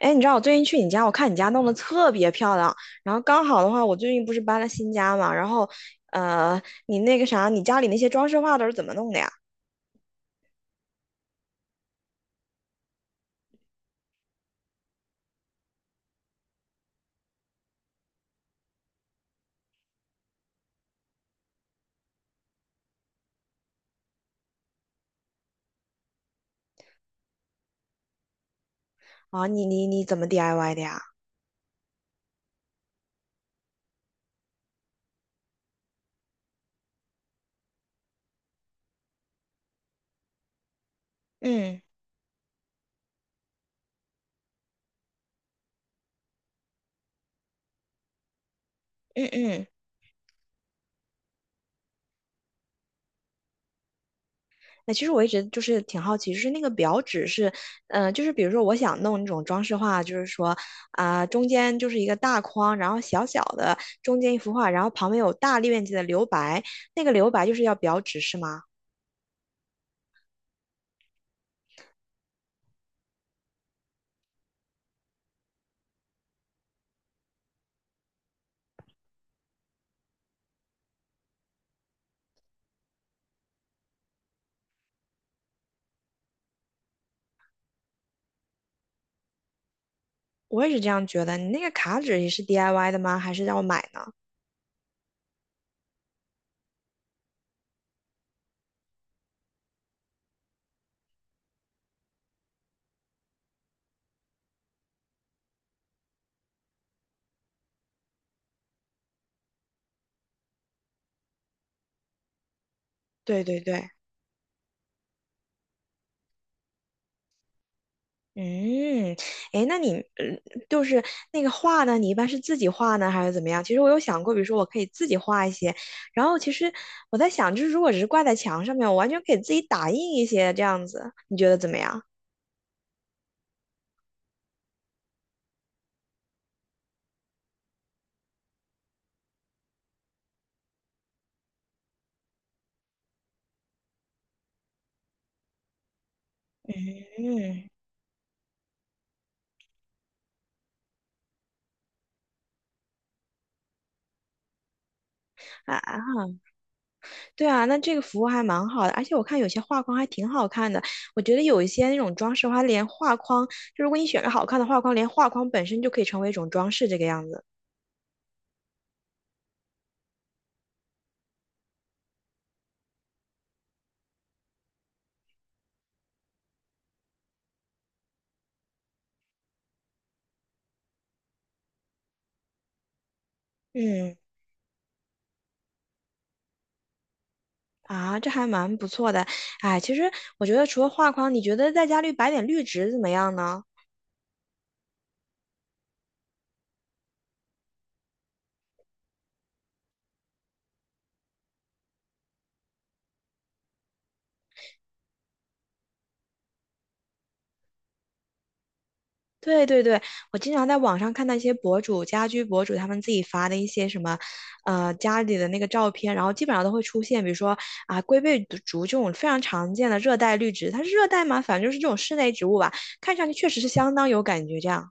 哎，你知道我最近去你家，我看你家弄得特别漂亮。然后刚好的话，我最近不是搬了新家嘛，然后，呃，你那个啥，你家里那些装饰画都是怎么弄的呀？啊，你怎么 DIY 的呀？嗯嗯。那其实我一直就是挺好奇，就是那个表纸是，就是比如说我想弄那种装饰画，就是说啊、中间就是一个大框，然后小小的中间一幅画，然后旁边有大面积的留白，那个留白就是要表纸是吗？我也是这样觉得。你那个卡纸也是 DIY 的吗？还是要买呢？对对对，嗯，诶，那你嗯，就是那个画呢，你一般是自己画呢，还是怎么样？其实我有想过，比如说我可以自己画一些，然后其实我在想，就是如果只是挂在墙上面，我完全可以自己打印一些这样子，你觉得怎么样？嗯啊。对啊，那这个服务还蛮好的，而且我看有些画框还挺好看的。我觉得有一些那种装饰画，连画框，就如果你选个好看的画框，连画框本身就可以成为一种装饰，这个样子。嗯，啊，这还蛮不错的。哎，其实我觉得除了画框，你觉得在家里摆点绿植怎么样呢？对对对，我经常在网上看到一些博主、家居博主他们自己发的一些什么，家里的那个照片，然后基本上都会出现，比如说啊，龟背竹这种非常常见的热带绿植，它是热带吗？反正就是这种室内植物吧，看上去确实是相当有感觉。这样，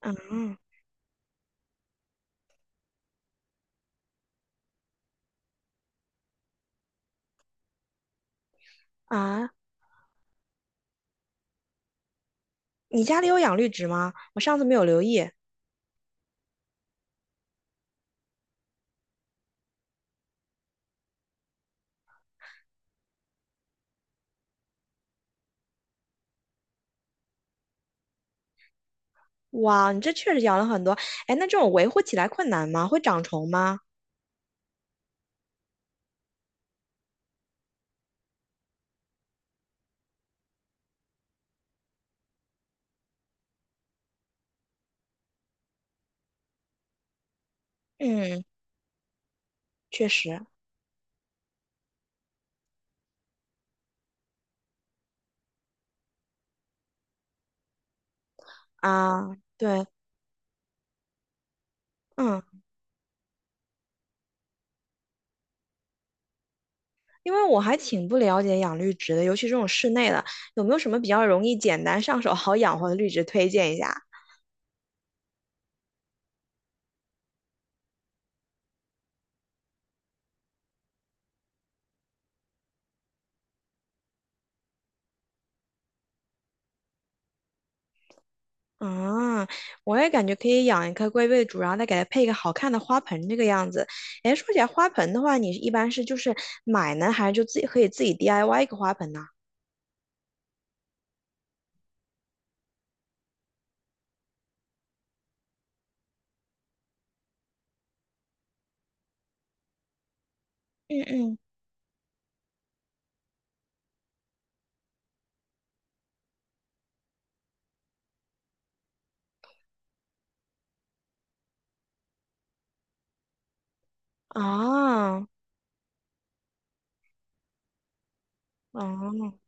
嗯啊，你家里有养绿植吗？我上次没有留意。哇，你这确实养了很多。哎，那这种维护起来困难吗？会长虫吗？嗯，确实啊，对。嗯。因为我还挺不了解养绿植的，尤其这种室内的，有没有什么比较容易、简单、上手、好养活的绿植推荐一下？啊，我也感觉可以养一棵龟背竹，然后再给它配一个好看的花盆，这个样子。哎，说起来花盆的话，你一般是就是买呢，还是就自己可以自己 DIY 一个花盆呢？嗯嗯，啊，哦，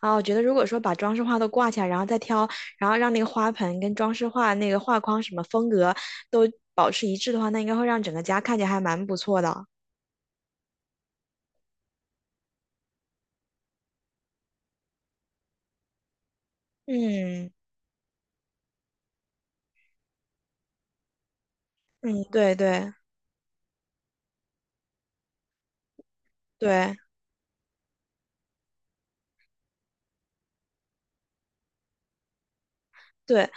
啊，我觉得如果说把装饰画都挂起来，然后再挑，然后让那个花盆跟装饰画那个画框什么风格都保持一致的话，那应该会让整个家看起来还蛮不错的。嗯嗯，对对对对。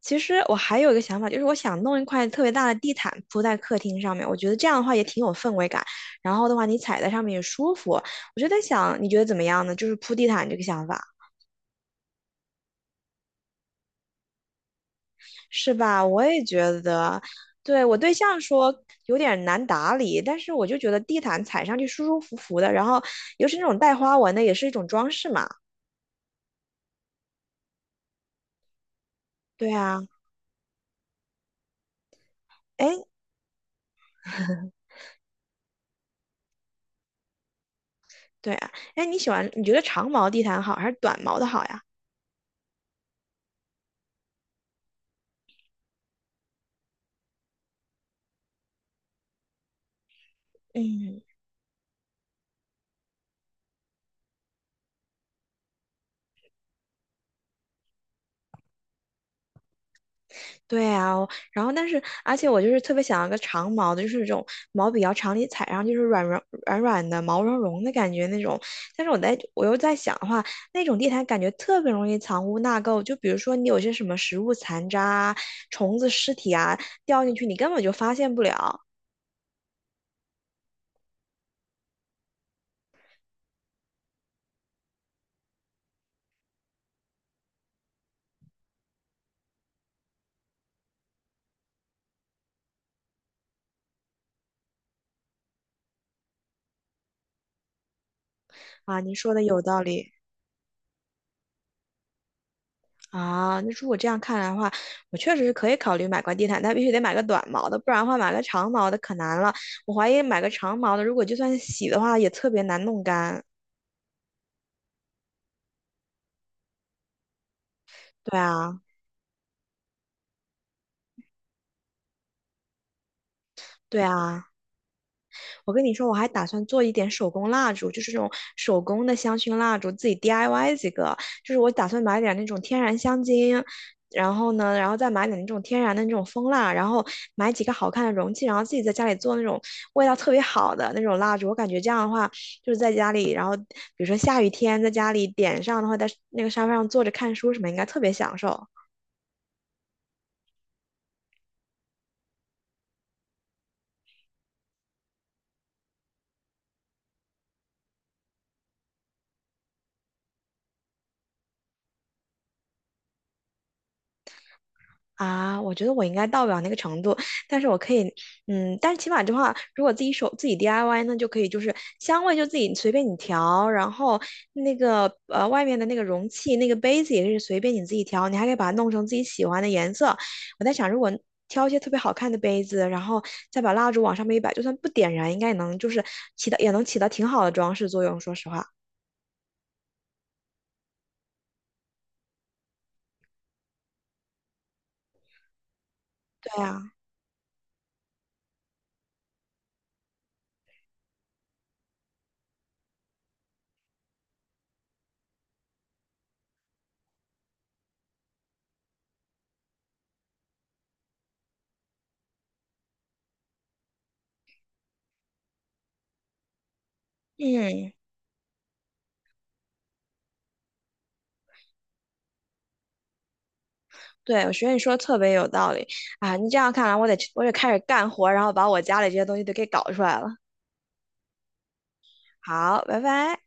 其实我还有一个想法，就是我想弄一块特别大的地毯铺在客厅上面，我觉得这样的话也挺有氛围感。然后的话，你踩在上面也舒服。我就在想，你觉得怎么样呢？就是铺地毯这个想法。是吧？我也觉得，对，我对象说有点难打理，但是我就觉得地毯踩上去舒舒服服的，然后尤其那种带花纹的，也是一种装饰嘛。对啊，哎 对啊，哎，你喜欢，你觉得长毛地毯好还是短毛的好呀？嗯。对啊，我然后但是，而且我就是特别想要个长毛的，就是这种毛比较长，你踩上就是软软的、毛茸茸的感觉那种。但是我又在想，那种地毯感觉特别容易藏污纳垢，就比如说你有些什么食物残渣啊、虫子尸体啊掉进去，你根本就发现不了啊。你说的有道理。啊，那如果这样看来的话，我确实是可以考虑买块地毯，但必须得买个短毛的，不然的话买个长毛的可难了。我怀疑买个长毛的，如果就算洗的话，也特别难弄干。对啊，对啊。我跟你说，我还打算做一点手工蜡烛，就是这种手工的香薰蜡烛，自己 DIY 几个。就是我打算买点那种天然香精，然后呢，然后再买点那种天然的那种蜂蜡，然后买几个好看的容器，然后自己在家里做那种味道特别好的那种蜡烛。我感觉这样的话，就是在家里，然后比如说下雨天在家里点上的话，在那个沙发上坐着看书什么，应该特别享受。啊，我觉得我应该到不了那个程度，但是我可以，嗯，但是起码的话，如果自己手自己 DIY 呢，就可以就是香味就自己随便你调，然后那个外面的那个容器那个杯子也是随便你自己调，你还可以把它弄成自己喜欢的颜色。我在想，如果挑一些特别好看的杯子，然后再把蜡烛往上面一摆，就算不点燃，应该也能就是起到也能起到挺好的装饰作用。说实话，对啊，嗯。对，我觉得你说的特别有道理啊！你这样看来，我得开始干活，然后把我家里这些东西都给搞出来了。好，拜拜。